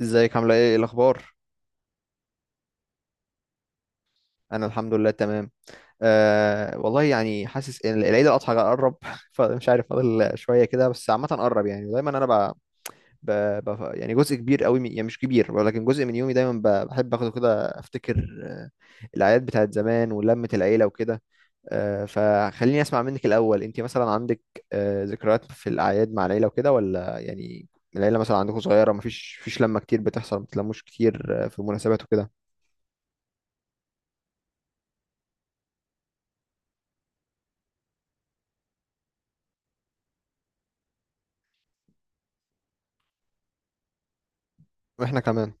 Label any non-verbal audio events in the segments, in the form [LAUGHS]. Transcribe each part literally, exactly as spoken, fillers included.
ازيك؟ عامله ايه؟ إيه الاخبار؟ انا الحمد لله تمام. أه والله يعني حاسس ان العيد الاضحى قرب [LAUGHS] فمش عارف، فاضل شويه كده بس عامه قرب، يعني ودايما انا ب... ب... ب... يعني جزء كبير قوي من... يعني مش كبير ولكن جزء من يومي دايما ب... بحب اخده كده افتكر، آه، الاعياد بتاعت زمان ولمه العيله وكده. أه فخليني اسمع منك الاول، انت مثلا عندك أه ذكريات في الاعياد مع العيله وكده؟ ولا يعني العيله مثلا عندكم صغيره، مفيش فيش لمه كتير بتحصل؟ ما بتلموش كتير؟ آه، في مناسبات وكده؟ واحنا كمان.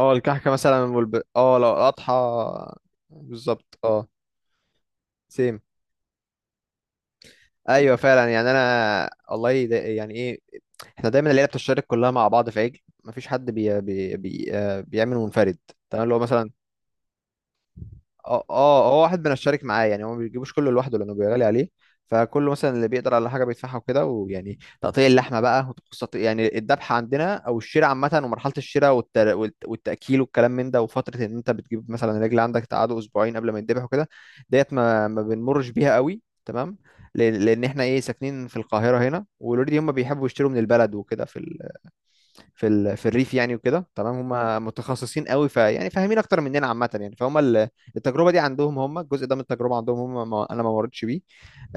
اه الكحكة مثلا والب... اه لو اضحى. بالظبط، اه. سيم. ايوه فعلا، يعني انا والله ده يعني ايه، احنا دايما العيله بتشترك كلها مع بعض في عجل، مفيش حد بي... بي... بي... آه، بيعمل منفرد. تمام، اللي هو مثلا. اه اه، هو واحد بنشارك معاه، يعني هو ما بيجيبوش كله لوحده لانه بيغالي عليه، فكله مثلا اللي بيقدر على حاجه بيدفعها وكده، ويعني تقطيع اللحمه بقى وتخص- يعني الذبحه عندنا او الشراء عامه، ومرحله الشراء والتر... والت- والتاكيل والكلام من ده، وفتره ان انت بتجيب مثلا الرجل عندك تقعده اسبوعين قبل ما يتذبح وكده. ديت ما ما بنمرش بيها قوي، تمام. لان لأن احنا ايه، ساكنين في القاهره هنا، والاوريدي هم بيحبوا يشتروا من البلد وكده، في في ال... في الريف يعني وكده، تمام. هم متخصصين قوي، ف يعني فاهمين اكتر مننا عامه، يعني فهم ال- التجربه دي عندهم هم، الجزء ده من التجربه عندهم هم، ما... انا ما مرتش بيه.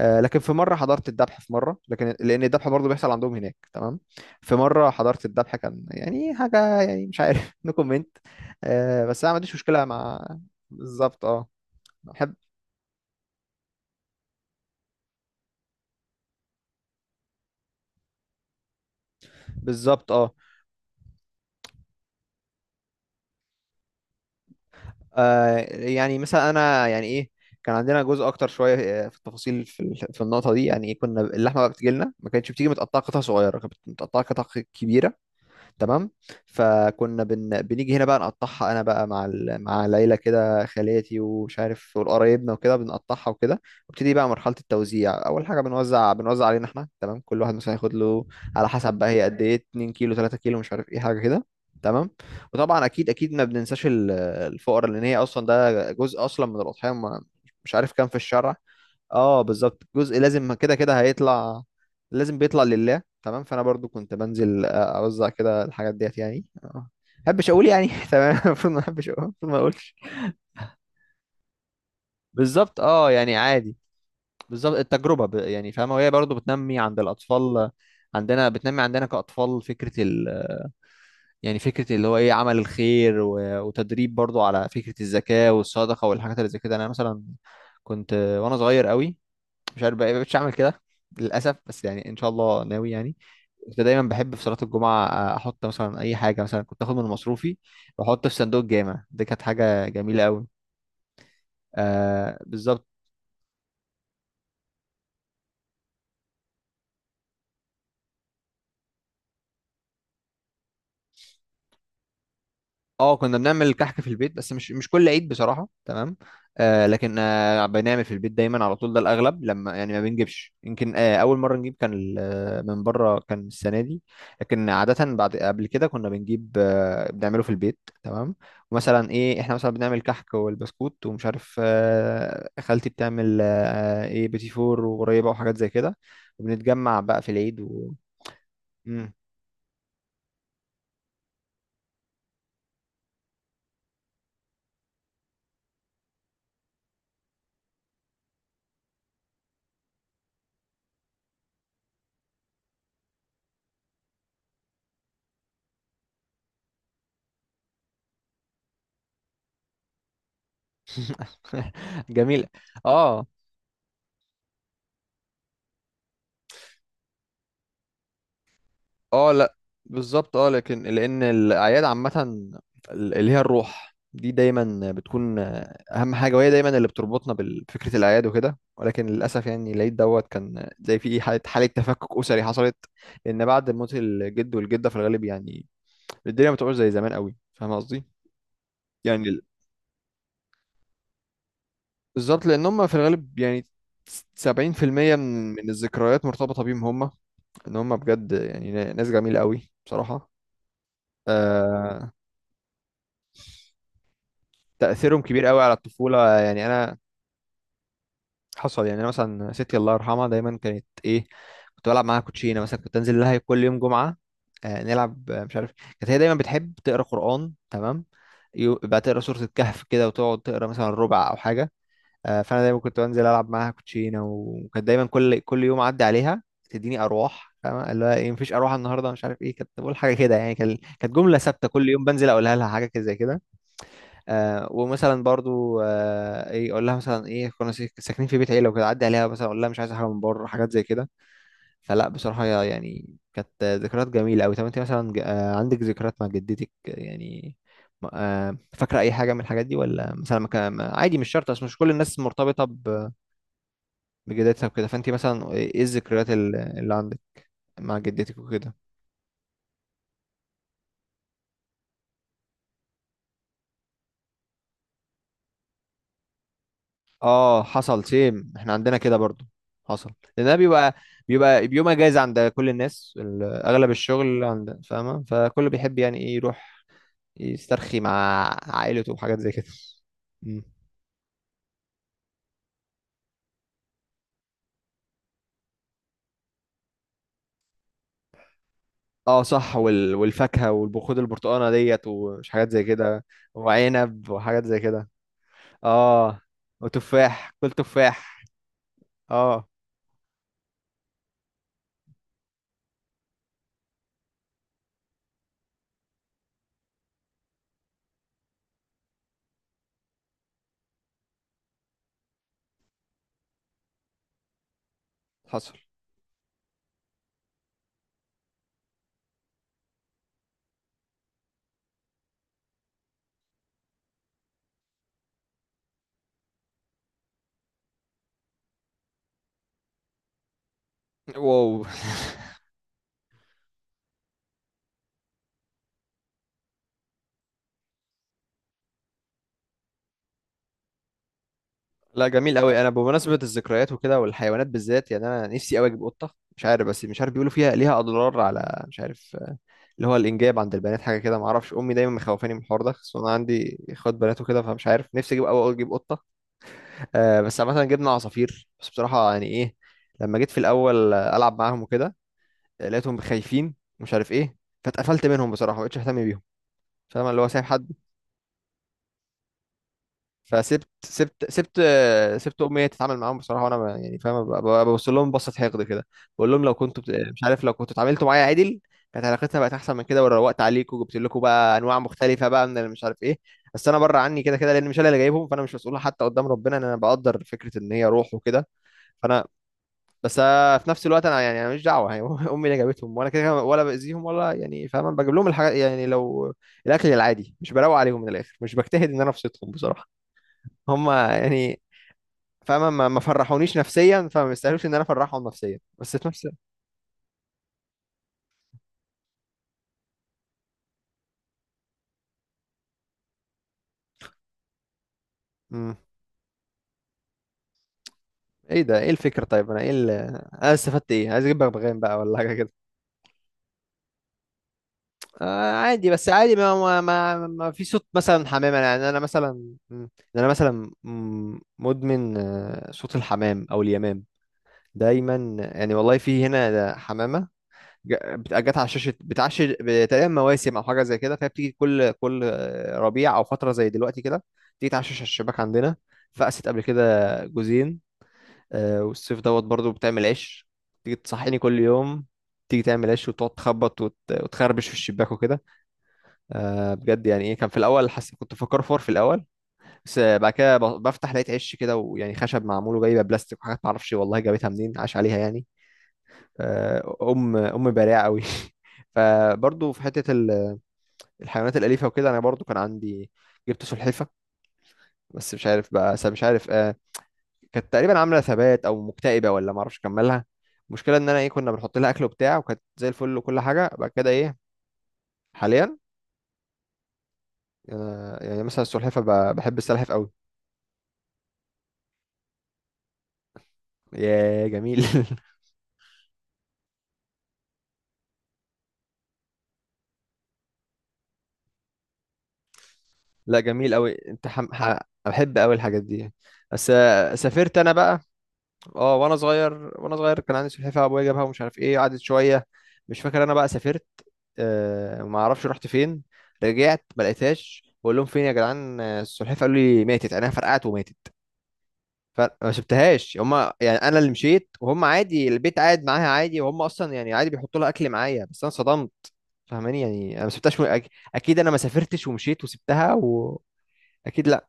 آه لكن في مره حضرت الذبح، في مره، لكن لان الذبح برضه بيحصل عندهم هناك تمام. في مره حضرت الذبح، كان يعني حاجه، يعني مش عارف [LAUGHS] نو كومنت. آه بس انا ما عنديش مشكله مع. بالظبط اه. بحب. بالظبط اه. آه يعني مثلا انا يعني ايه، كان عندنا جزء اكتر شويه آه، في التفاصيل في ال- في النقطه دي، يعني إيه، كنا اللحمه بقى بتجي لنا، ما كانتش بتيجي متقطعه قطع صغيره، كانت متقطعه قطع كبيره. تمام. فكنا بن... بنيجي هنا بقى نقطعها، انا بقى مع ال... مع العيله كده، خالاتي ومش عارف والقرايبنا وكده، بنقطعها وكده. وابتدي بقى مرحله التوزيع. اول حاجه بنوزع بنوزع علينا احنا، تمام، كل واحد مثلا ياخد له على حسب بقى، هي قد ايه؟ 2 كيلو، 3 كيلو، مش عارف، ايه حاجه كده. تمام. وطبعا اكيد اكيد ما بننساش ال- الفقراء، لان هي اصلا، ده جزء اصلا من الاضحيه، ما- مش عارف كام في الشرع. اه بالظبط، جزء لازم كده كده هيطلع، لازم بيطلع لله. تمام. فانا برضو كنت بنزل آه، اوزع كده الحاجات ديت يعني، اه. محبش اقول يعني [LAUGHS] تمام، المفروض ما احبش اقول، المفروض ما اقولش. بالظبط اه، يعني عادي. بالظبط التجربه ب... يعني فاهمه، وهي برضو بتنمي عند الاطفال، عندنا بتنمي عندنا كاطفال فكره ال... يعني فكره اللي هو ايه، عمل الخير و... وتدريب برضو على فكره الزكاه والصدقه والحاجات اللي زي كده. انا مثلا كنت آه، وانا صغير قوي، مش عارف بقى، مش هعمل كده للاسف، بس يعني ان شاء الله ناوي يعني. كنت دايما بحب في صلاه الجمعه آه، احط مثلا اي حاجه، مثلا كنت اخد من مصروفي واحط في صندوق الجامع، دي كانت حاجه جميله قوي. آه بالظبط. اه كنا بنعمل كحك في البيت بس مش مش كل عيد بصراحة، تمام. آه لكن آه بنعمل في البيت دايما على طول، ده الأغلب، لما يعني ما بنجيبش، يمكن آه أول مرة نجيب كان ال- آه، من بره كان السنة دي. لكن عادة بعد، قبل كده كنا بنجيب آه، بنعمله في البيت تمام. ومثلا إيه، إحنا مثلا بنعمل كحك والبسكوت ومش عارف آه، خالتي بتعمل آه إيه، بيتي فور وقريبة وحاجات زي كده، وبنتجمع بقى في العيد و... مم. [LAUGHS] جميل. اه. اه لا، بالظبط اه، لكن لان الاعياد عامه ال- اللي هي الروح دي دايما بتكون اهم حاجه، وهي دايما اللي بتربطنا بفكره الاعياد وكده، ولكن للاسف يعني العيد دوت كان زي في حاله حاله تفكك اسري حصلت، لان بعد موت الجد والجده في الغالب يعني الدنيا ما بتبقاش زي زمان قوي، فاهم قصدي؟ يعني ال- بالظبط، لان هم في الغالب يعني سبعين في المية من من الذكريات مرتبطه بيهم هم، ان هم بجد يعني ناس جميله قوي بصراحه، آه. تأثيرهم كبير قوي على الطفولة. يعني أنا حصل، يعني أنا مثلا ستي الله يرحمها دايما كانت إيه، كنت بلعب معاها كوتشينة مثلا، كنت أنزل لها كل يوم جمعة آه، نلعب آه، مش عارف. كانت هي دايما بتحب تقرا قرآن، تمام، يو- بقى تقرا سورة الكهف كده وتقعد تقرا مثلا ربع أو حاجة آه، فأنا دايما كنت بنزل ألعب معاها كوتشينة، وكانت دايما كل كل يوم أعدي عليها تديني أرواح، فاهمة اللي هو إيه، مفيش أرواح النهاردة مش عارف إيه، كانت بقول حاجة كده يعني، كان- كانت جملة ثابتة كل يوم بنزل أقولها لها حاجة كده زي كده. آه ومثلا برضو آه ايه، اقول لها مثلا ايه، كنا ساك- ساكنين في بيت عيله وكده، عدي عليها مثلا اقول لها مش عايزه حاجه من بره، حاجات زي كده. فلا بصراحه يا- يعني كانت ذكريات جميله قوي. طب انت مثلا ج- آه عندك ذكريات مع جدتك يعني؟ م- آه فاكره اي حاجه من الحاجات دي؟ ولا مثلا ما كان ما- عادي، مش شرط، اصل مش كل الناس مرتبطه ب- بجدتها وكده، فانت مثلا ايه، إيه الذكريات ال- اللي عندك مع جدتك وكده؟ اه حصل، سيم، احنا عندنا كده برضو، حصل، لان ده بيبقى، بيبقى بيوم اجازه عند كل الناس ال- اغلب الشغل عند، فاهمه؟ فكله بيحب يعني ايه، يروح يسترخي مع عائلته وحاجات زي كده. مم. اه صح، وال... والفاكهه والبخود البرتقانه ديت ومش حاجات زي كده، وعنب وحاجات زي كده. اه وتفاح، كل تفاح. اه. حصل. واو [LAUGHS] لا جميل قوي. انا بمناسبه الذكريات وكده والحيوانات بالذات، يعني انا نفسي قوي اجيب قطه، مش عارف، بس مش عارف بيقولوا فيها، ليها اضرار على، مش عارف آه، اللي هو الانجاب عند البنات حاجه كده، ما اعرفش، امي دايما مخوفاني من الحوار ده، خصوصا انا عندي اخوات بنات وكده، فمش عارف، نفسي اجيب، اول اجيب قطه. آه بس مثلا جبنا عصافير، بس بصراحه يعني ايه، لما جيت في الاول آه، العب معاهم وكده آه، لقيتهم خايفين، مش عارف ايه، فاتقفلت منهم بصراحه، ما بقتش اهتم بيهم، فاهم اللي هو سايب حد. فسبت سبت سبت آه، سبت امي هي تتعامل معاهم بصراحه، وانا ب- يعني فاهم، ب- ب- ببص لهم بصه حقد كده، بقول لهم لو كنتوا بت... مش عارف، لو كنتوا اتعاملتوا معايا عدل كانت علاقتنا بقت احسن من كده، وروقت عليكم وجبت لكم بقى انواع مختلفه بقى من، اللي مش عارف ايه. بس انا بره عني كده كده، لان مش انا اللي جايبهم، فانا مش مسؤول حتى قدام ربنا ان انا بقدر، فكره ان هي روح وكده، فانا، بس آه، في نفس الوقت انا يعني، انا مش دعوه يعني [LAUGHS] امي اللي جابتهم وانا كده كده، ولا باذيهم ولا يعني، فاهم، أنا بجيب لهم الحاجات يعني، لو الاكل العادي مش بروق عليهم من الاخر مش بجتهد ان انا ابسطهم بصراحه، هم يعني، فاهمة، ما ما فرحونيش نفسيا فما يستاهلوش ان انا افرحهم نفسيا بس في نفس. امم. ايه ده، ايه الفكرة؟ طيب انا ايه ال... انا استفدت ايه؟ عايز اجيب بغبغان بقى ولا حاجة كده؟ آه عادي، بس عادي، ما ما ما, ما في صوت مثلا حمام، انا يعني انا مثلا مم. انا مثلا مم، مدمن آه، صوت الحمام او اليمام دايما، يعني والله في هنا ده حمامة جا- بت- جت على شاشه بتعش ب- تقريبا مواسم او حاجه زي كده، فهي بتيجي كل كل آه، ربيع او فتره زي دلوقتي كده، تيجي تعشش على الشباك عندنا، فقست قبل كده جوزين آه، والصيف دوت برضو بتعمل عيش، تيجي تصحيني كل يوم، تيجي تعمل عيش وتقعد تخبط وت- وتخربش في الشباك وكده. آه، بجد يعني ايه، كان في الاول حاسس، كنت فكر فور في الاول، بس آه، بعد كده ب- بفتح لقيت عش كده، ويعني خشب معمول وجايبه بلاستيك وحاجات معرفش والله جابتها منين، عاش عليها يعني آه، ام ام بارعه قوي [LAUGHS] فبرضه في حته ال- الحيوانات الاليفه وكده، انا برضه كان عندي، جبت سلحفه، بس مش عارف بقى س- مش عارف آه، كانت تقريبا عامله ثبات او مكتئبه ولا ما اعرفش اكملها، المشكله ان انا ايه، كنا بنحط لها اكل وبتاع وكانت زي الفل وكل حاجه، بعد كده ايه، حاليا. آه يعني مثلا السلحفه ب- بحب السلحف قوي. يا جميل [LAUGHS] لا جميل قوي، انت حم... ح... بحب قوي الحاجات دي، بس آه، سافرت انا بقى. اه وانا صغير، وانا صغير كان عندي سلحفاه ابويا جابها ومش عارف ايه، قعدت شويه، مش فاكر، انا بقى سافرت، آه ما اعرفش رحت فين، رجعت ما لقيتهاش، بقول لهم فين يا جدعان آه، السلحفاه؟ قالوا لي ماتت، عينها فرقعت وماتت. فما سبتهاش هم يعني، انا اللي مشيت وهم عادي البيت قاعد معاها عادي، وهم اصلا يعني عادي بيحطوا لها اكل معايا، بس انا صدمت، فاهماني، يعني انا ما سبتهاش و- أك- اكيد انا ما سافرتش ومشيت وسبتها، واكيد لا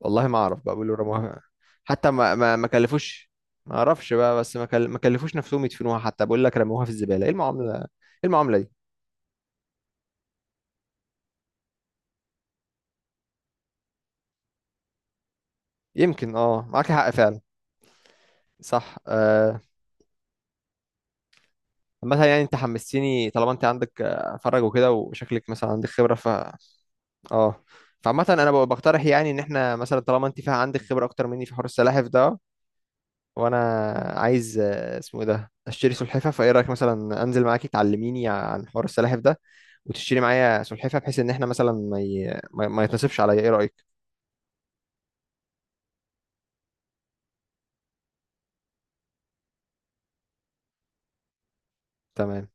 والله، ما اعرف بقى بيقولوا رموها، حتى ما ما ما كلفوش، ما اعرفش بقى، بس ما كل... ما كلفوش نفسهم يدفنوها حتى، بقول لك رموها في الزبالة، ايه المعاملة، ايه المعاملة دي؟ يمكن اه معاك حق فعلا، صح آه. مثلا يعني انت حمستيني، طالما انت عندك آه، فرج وكده وشكلك مثلا عندك خبرة ف، اه، فعامة انا ب- بقترح يعني ان احنا مثلا طالما انت فيها عندك خبرة اكتر مني في حوار السلاحف ده، وانا عايز آه، اسمه ايه ده، اشتري سلحفاة، فايه رأيك مثلا انزل معاكي تعلميني عن حوار السلاحف ده، وتشتري معايا سلحفاه، بحيث ان احنا مثلا ما ي... ما ما يتنصبش عليا؟ ايه رايك؟ تمام.